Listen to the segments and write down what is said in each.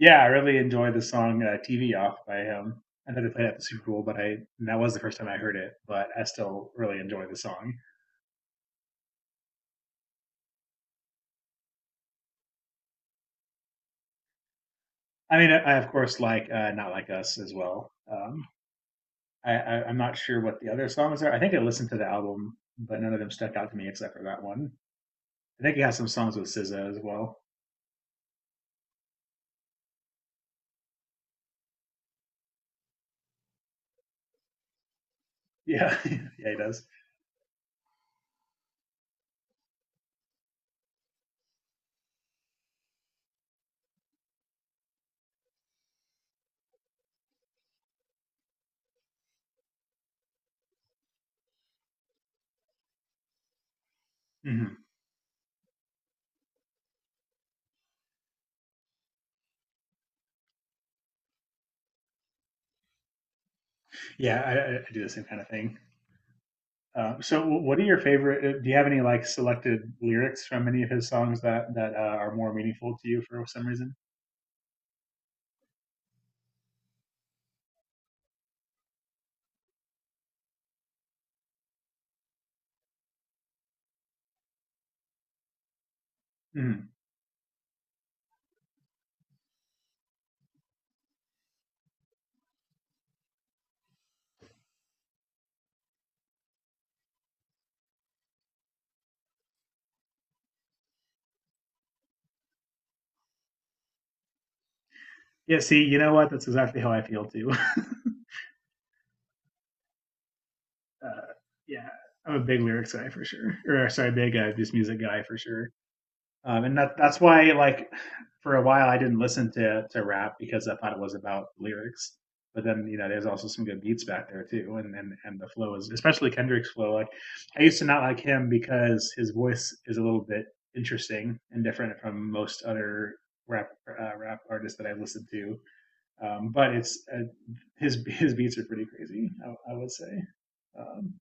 Yeah, I really enjoy the song "TV Off" by him. I know they played it at the Super Bowl, but I and that was the first time I heard it. But I still really enjoy the song. I mean, I of course like "Not Like Us" as well. I'm not sure what the other songs are. I think I listened to the album, but none of them stuck out to me except for that one. I think he has some songs with SZA as well. Yeah, yeah, he does. hmm Yeah, I do the same kind of thing. So, what are your favorite? Do you have any like selected lyrics from any of his songs that are more meaningful to you for some reason? Mm. Yeah. See, you know what? That's exactly how I feel too. Uh, yeah, I'm a big lyrics guy for sure, or sorry, big this music guy for sure. And that's why like for a while I didn't listen to rap because I thought it was about lyrics. But then you know, there's also some good beats back there too, and the flow is especially Kendrick's flow. Like I used to not like him because his voice is a little bit interesting and different from most other rap artists that I've listened to. But it's His beats are pretty crazy. I would say, um,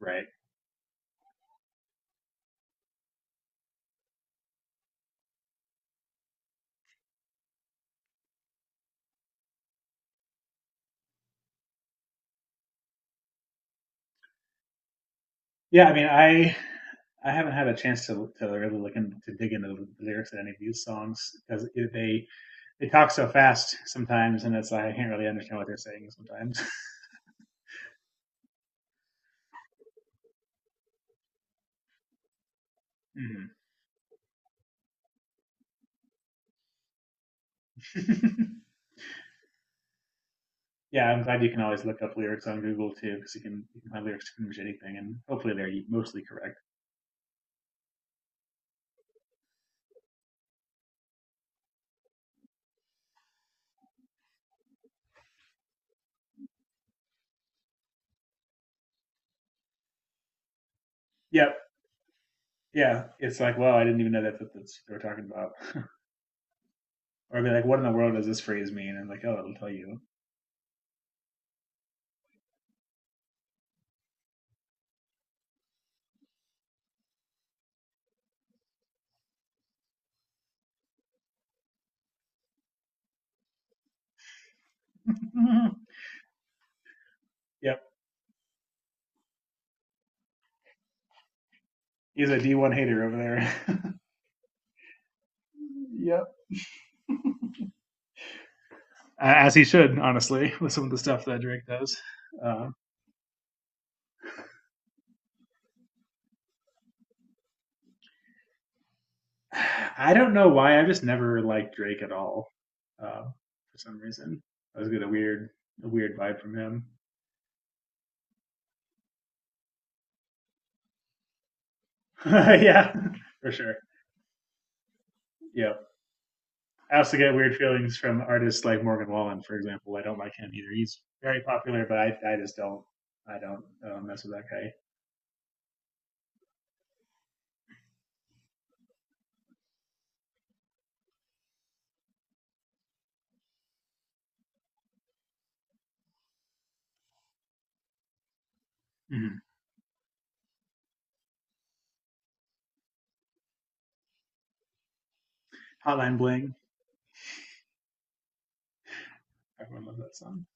right? Yeah, I mean, I haven't had a chance to really look in, to dig into the lyrics of any of these songs because they talk so fast sometimes, and it's like I can't really understand what they're saying sometimes. Mhm. Yeah, I'm glad you can always look up lyrics on Google too, because you can find lyrics to pretty much anything, and hopefully they're mostly correct. Yep. Yeah, it's like, well, I didn't even know that's what they were talking about. Or I'd be like, what in the world does this phrase mean? And like, oh, it'll tell you. Yep, he's a D1 hater over there. Yep. As he should, honestly, with some of the stuff that Drake does. Uh, I don't know why. I just never liked Drake at all, uh, for some reason. I was get a weird vibe from him. Yeah, for sure. Yeah. I also get weird feelings from artists like Morgan Wallen, for example. I don't like him either. He's very popular, but I just don't, I don't mess with that guy. Mm-hmm. Hotline Bling. Everyone loves that song.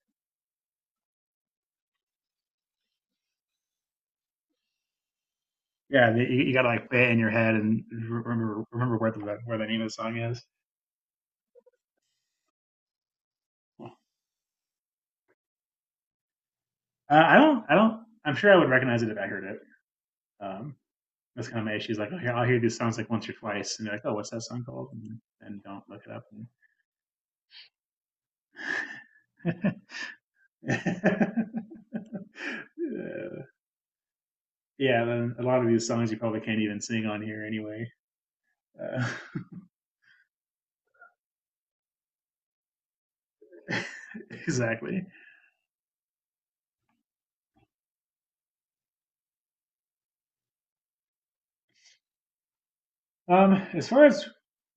Yeah, you gotta like play it in your head and remember where the name of the song is. I don't. I don't. I'm sure I would recognize it if I heard it. Um, that's kind of my issue. Is like, oh, here, I'll hear these songs like once or twice, and be like, oh, what's that song called? And don't look it up. Uh, yeah, then a lot of these songs you probably can't even sing on here anyway. Uh, exactly. As far as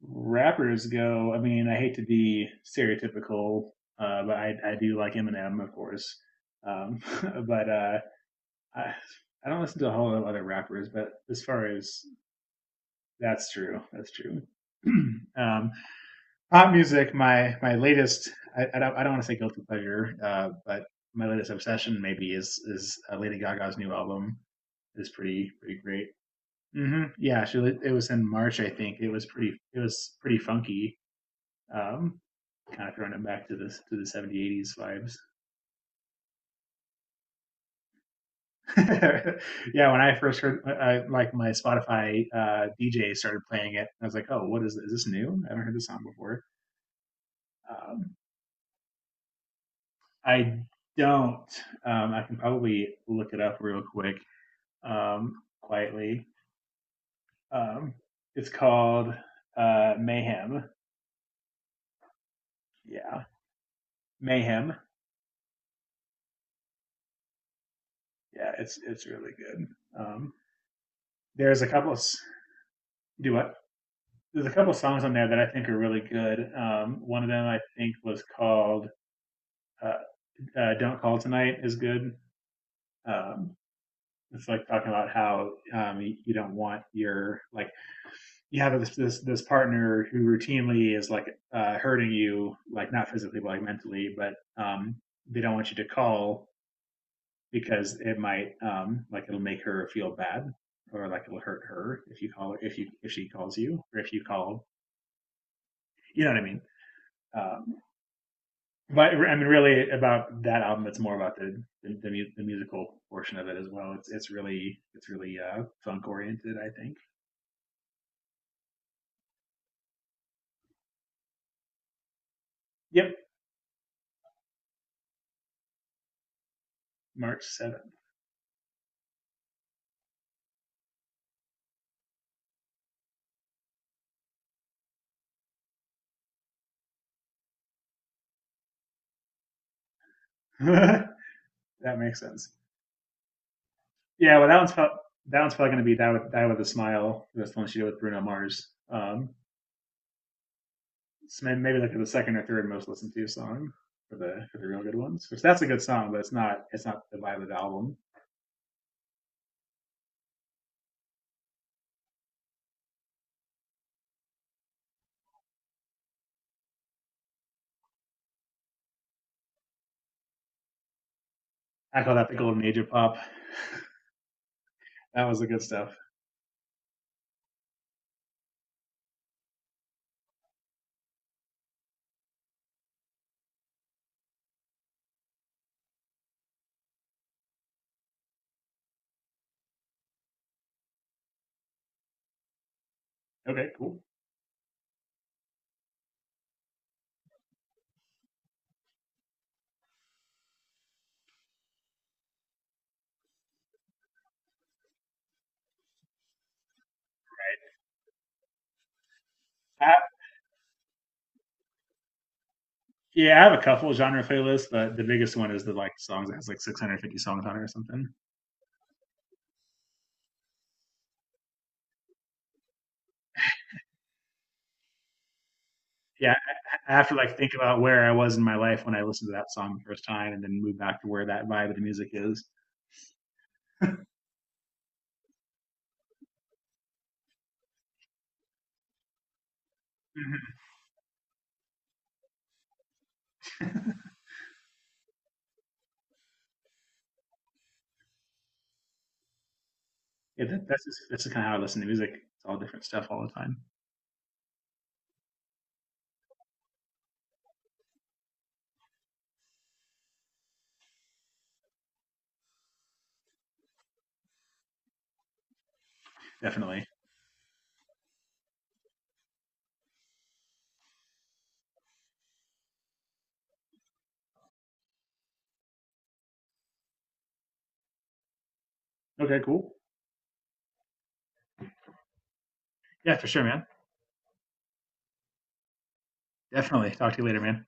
rappers go, I mean, I hate to be stereotypical, but I do like Eminem, of course. Um, but I, I don't listen to a whole lot of other rappers, but as far as that's true, that's true. um, Pop music, my latest, I don't want to say guilty pleasure, but my latest obsession maybe is Lady Gaga's new album is pretty great. Yeah, she it was in March, I think. It was pretty funky. Um, Kind of throwing it back to this to the 70s, 80s vibes. Yeah, when I first heard, like my Spotify DJ started playing it, I was like, "Oh, what is this? Is this new? I haven't heard this song before." Um, I don't. I can probably look it up real quick, um, quietly. Um, it's called Mayhem. Yeah, Mayhem. Yeah, it's really good. Um, there's a couple. Of, do what? There's a couple of songs on there that I think are really good. One of them I think was called uh, "Don't Call Tonight" is good. Um, it's like talking about how you don't want your like you have this partner who routinely is like hurting you, like not physically, but like mentally, but they don't want you to call because it might like it'll make her feel bad or like it'll hurt her if you call her if you if she calls you or if you call. You know what I mean? Um, but I mean, really, about that album, it's more about the musical portion of it as well. It's really funk oriented, I think. Yep, March 7th. That makes sense. Yeah, well, that one's probably going to be die with a smile. That's the one she did with Bruno Mars. So maybe like the second or third most listened to song for the real good ones. Which that's a good song, but it's not the vibe of the album. I call that the golden age of pop. That was the good stuff. Okay, cool. Yeah, I have a couple of genre playlists, but the biggest one is the like songs that has like 650 songs on it or something. Yeah, I have to like think about where I was in my life when I listened to that song the first time, and then move back to where that vibe of the music is. Mhm. Yeah, that's just, that's kind of how I listen to music. It's all different stuff all the time. Definitely. Okay, cool. Yeah, for sure, man. Definitely. Talk to you later, man.